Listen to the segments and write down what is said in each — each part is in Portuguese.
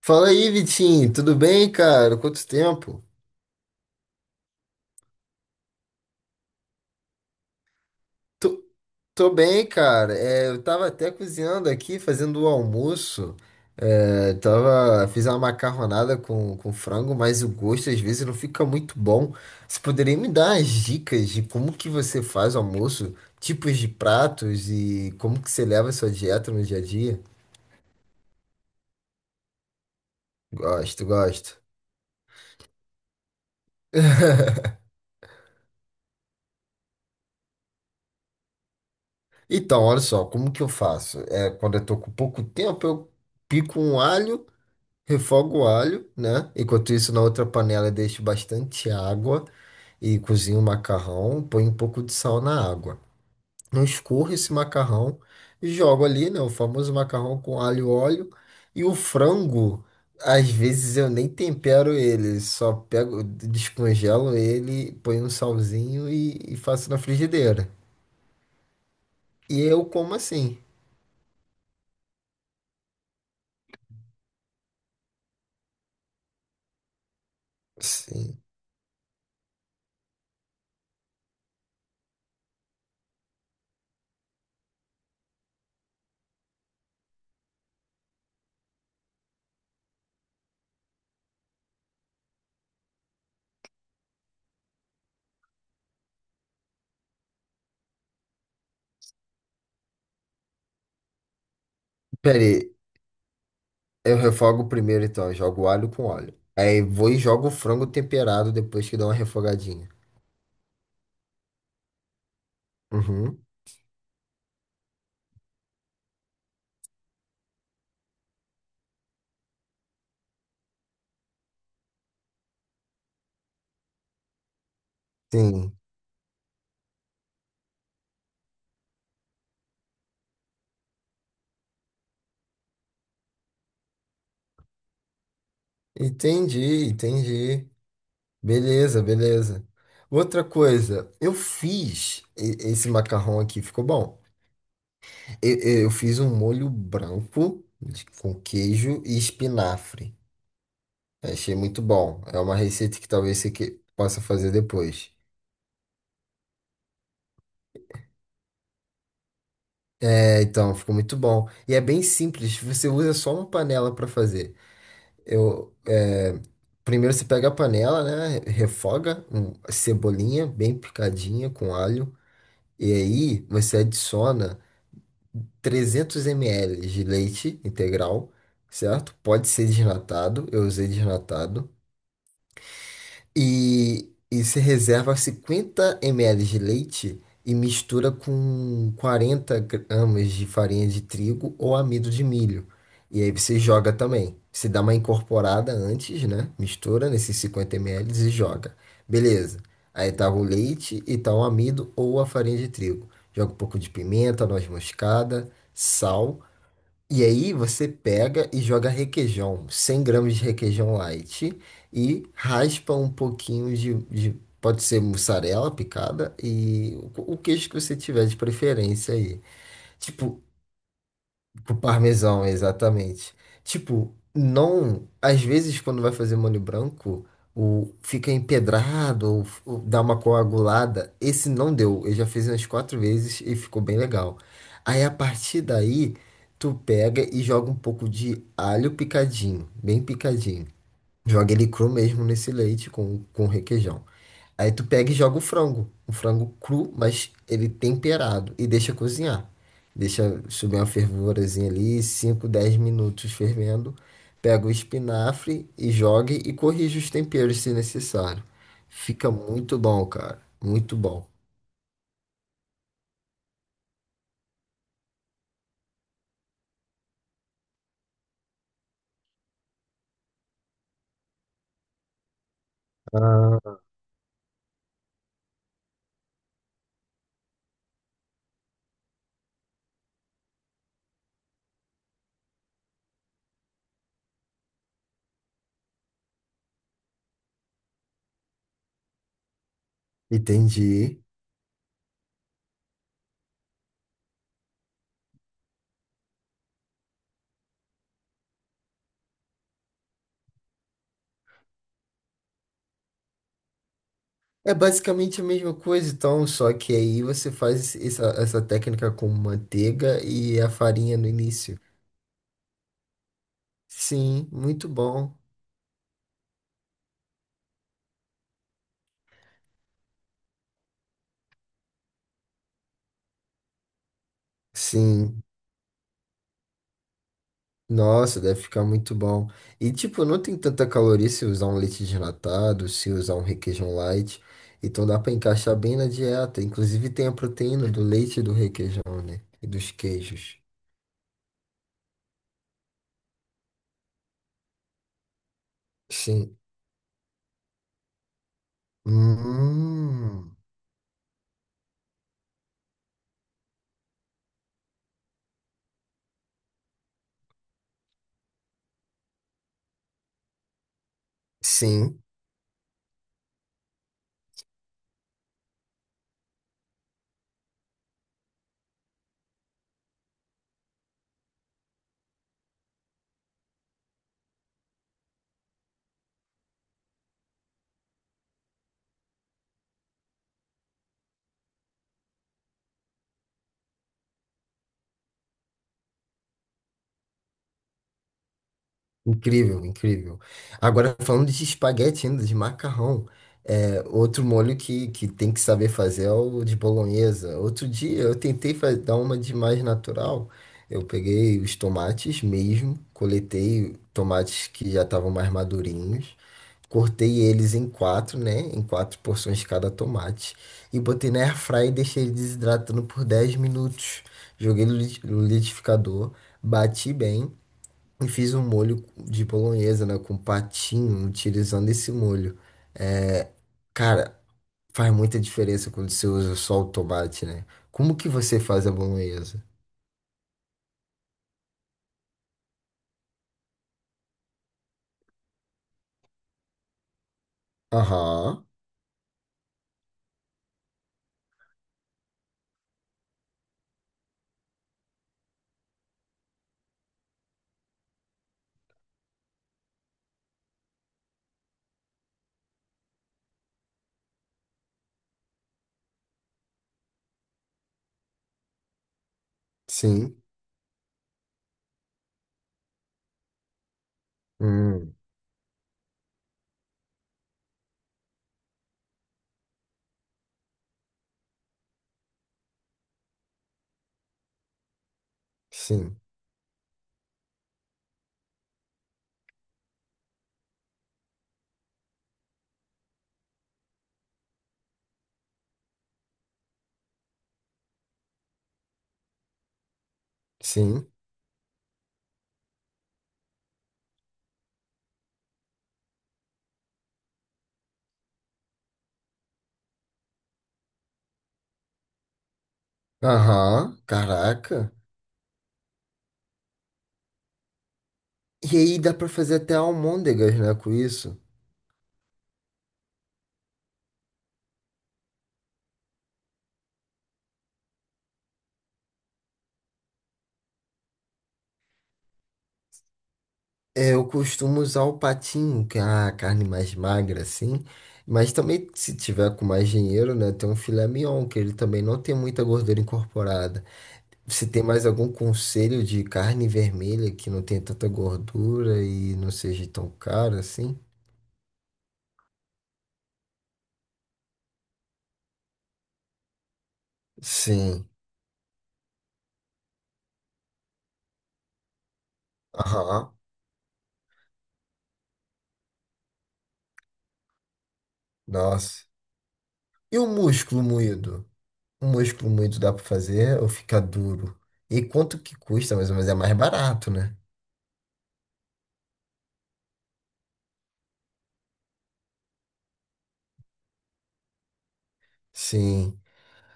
Fala aí, Vitinho, tudo bem, cara? Quanto tempo? Tô, tô bem, cara. É, eu tava até cozinhando aqui, fazendo o almoço. É, tava, fiz uma macarronada com frango, mas o gosto às vezes não fica muito bom. Você poderia me dar as dicas de como que você faz o almoço, tipos de pratos e como que você leva a sua dieta no dia a dia? Gosto, gosto. Então, olha só, como que eu faço? É, quando eu tô com pouco tempo, eu pico um alho. Refogo o alho, né? Enquanto isso, na outra panela, eu deixo bastante água e cozinho o macarrão. Põe um pouco de sal na água. Eu escorro esse macarrão e jogo ali, né? O famoso macarrão com alho e óleo. E o frango, às vezes eu nem tempero ele, só pego, descongelo ele, ponho um salzinho e faço na frigideira. E eu como assim. Sim. Peraí, eu refogo primeiro, então. Eu jogo alho com óleo. Aí vou e jogo o frango temperado depois que dá uma refogadinha. Uhum. Sim. Entendi, entendi. Beleza, beleza. Outra coisa, eu fiz esse macarrão aqui, ficou bom. Eu, eu fiz um molho branco com queijo e espinafre. Achei muito bom. É uma receita que talvez você possa fazer depois. É, então, ficou muito bom. E é bem simples, você usa só uma panela para fazer. Eu, Primeiro você pega a panela, né? Refoga cebolinha bem picadinha com alho. E aí você adiciona 300 ml de leite integral, certo? Pode ser desnatado, eu usei desnatado. E você reserva 50 ml de leite e mistura com 40 g de farinha de trigo ou amido de milho. E aí você joga também. Você dá uma incorporada antes, né? Mistura nesses 50 ml e joga. Beleza. Aí tá o leite e tá o amido ou a farinha de trigo. Joga um pouco de pimenta, noz moscada, sal e aí você pega e joga requeijão, 100 g de requeijão light e raspa um pouquinho pode ser mussarela picada e o queijo que você tiver de preferência aí. Tipo, pro parmesão, exatamente. Tipo, não. Às vezes, quando vai fazer molho branco, fica empedrado ou dá uma coagulada. Esse não deu. Eu já fiz umas quatro vezes e ficou bem legal. Aí, a partir daí, tu pega e joga um pouco de alho picadinho, bem picadinho. Joga ele cru mesmo nesse leite com requeijão. Aí tu pega e joga o frango. O frango cru, mas ele temperado. E deixa cozinhar. Deixa subir uma fervurazinha ali, 5 10 minutos fervendo. Pega o espinafre e joga e corrige os temperos se necessário. Fica muito bom, cara. Muito bom. Ah, entendi. É basicamente a mesma coisa, então, só que aí você faz essa técnica com manteiga e a farinha no início. Sim, muito bom. Sim. Nossa, deve ficar muito bom. E tipo, não tem tanta caloria se usar um leite desnatado, se usar um requeijão light. Então dá pra encaixar bem na dieta. Inclusive tem a proteína do leite e do requeijão, né? E dos queijos. Sim. Hum. Sim. Incrível, incrível. Agora, falando de espaguete ainda, de macarrão, é, outro molho que tem que saber fazer é o de bolonhesa. Outro dia eu tentei dar uma de mais natural. Eu peguei os tomates mesmo, coletei tomates que já estavam mais madurinhos, cortei eles em quatro, né? Em quatro porções cada tomate. E botei na airfryer e deixei ele desidratando por 10 minutos. Joguei no liquidificador, bati bem. E fiz um molho de bolonhesa, né? Com patinho, utilizando esse molho. Cara, faz muita diferença quando você usa só o tomate, né? Como que você faz a bolonhesa? Aham, sim. Hum, sim, sim. Aham, caraca. E aí dá pra fazer até almôndegas, né? Com isso. É, eu costumo usar o patinho, que é a carne mais magra, assim. Mas também, se tiver com mais dinheiro, né? Tem um filé mignon, que ele também não tem muita gordura incorporada. Você tem mais algum conselho de carne vermelha que não tenha tanta gordura e não seja tão cara assim? Sim. Aham. Nossa. E o músculo moído? O músculo moído dá pra fazer ou fica duro? E quanto que custa mais ou menos? É mais barato, né? Sim.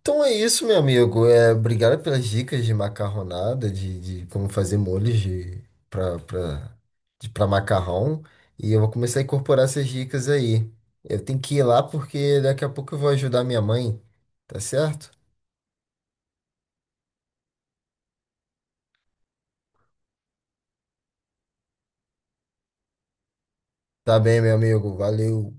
Então é isso, meu amigo. É, obrigado pelas dicas de macarronada, de como fazer molhos de para para de para macarrão. E eu vou começar a incorporar essas dicas aí. Eu tenho que ir lá porque daqui a pouco eu vou ajudar minha mãe. Tá certo? Tá bem, meu amigo. Valeu.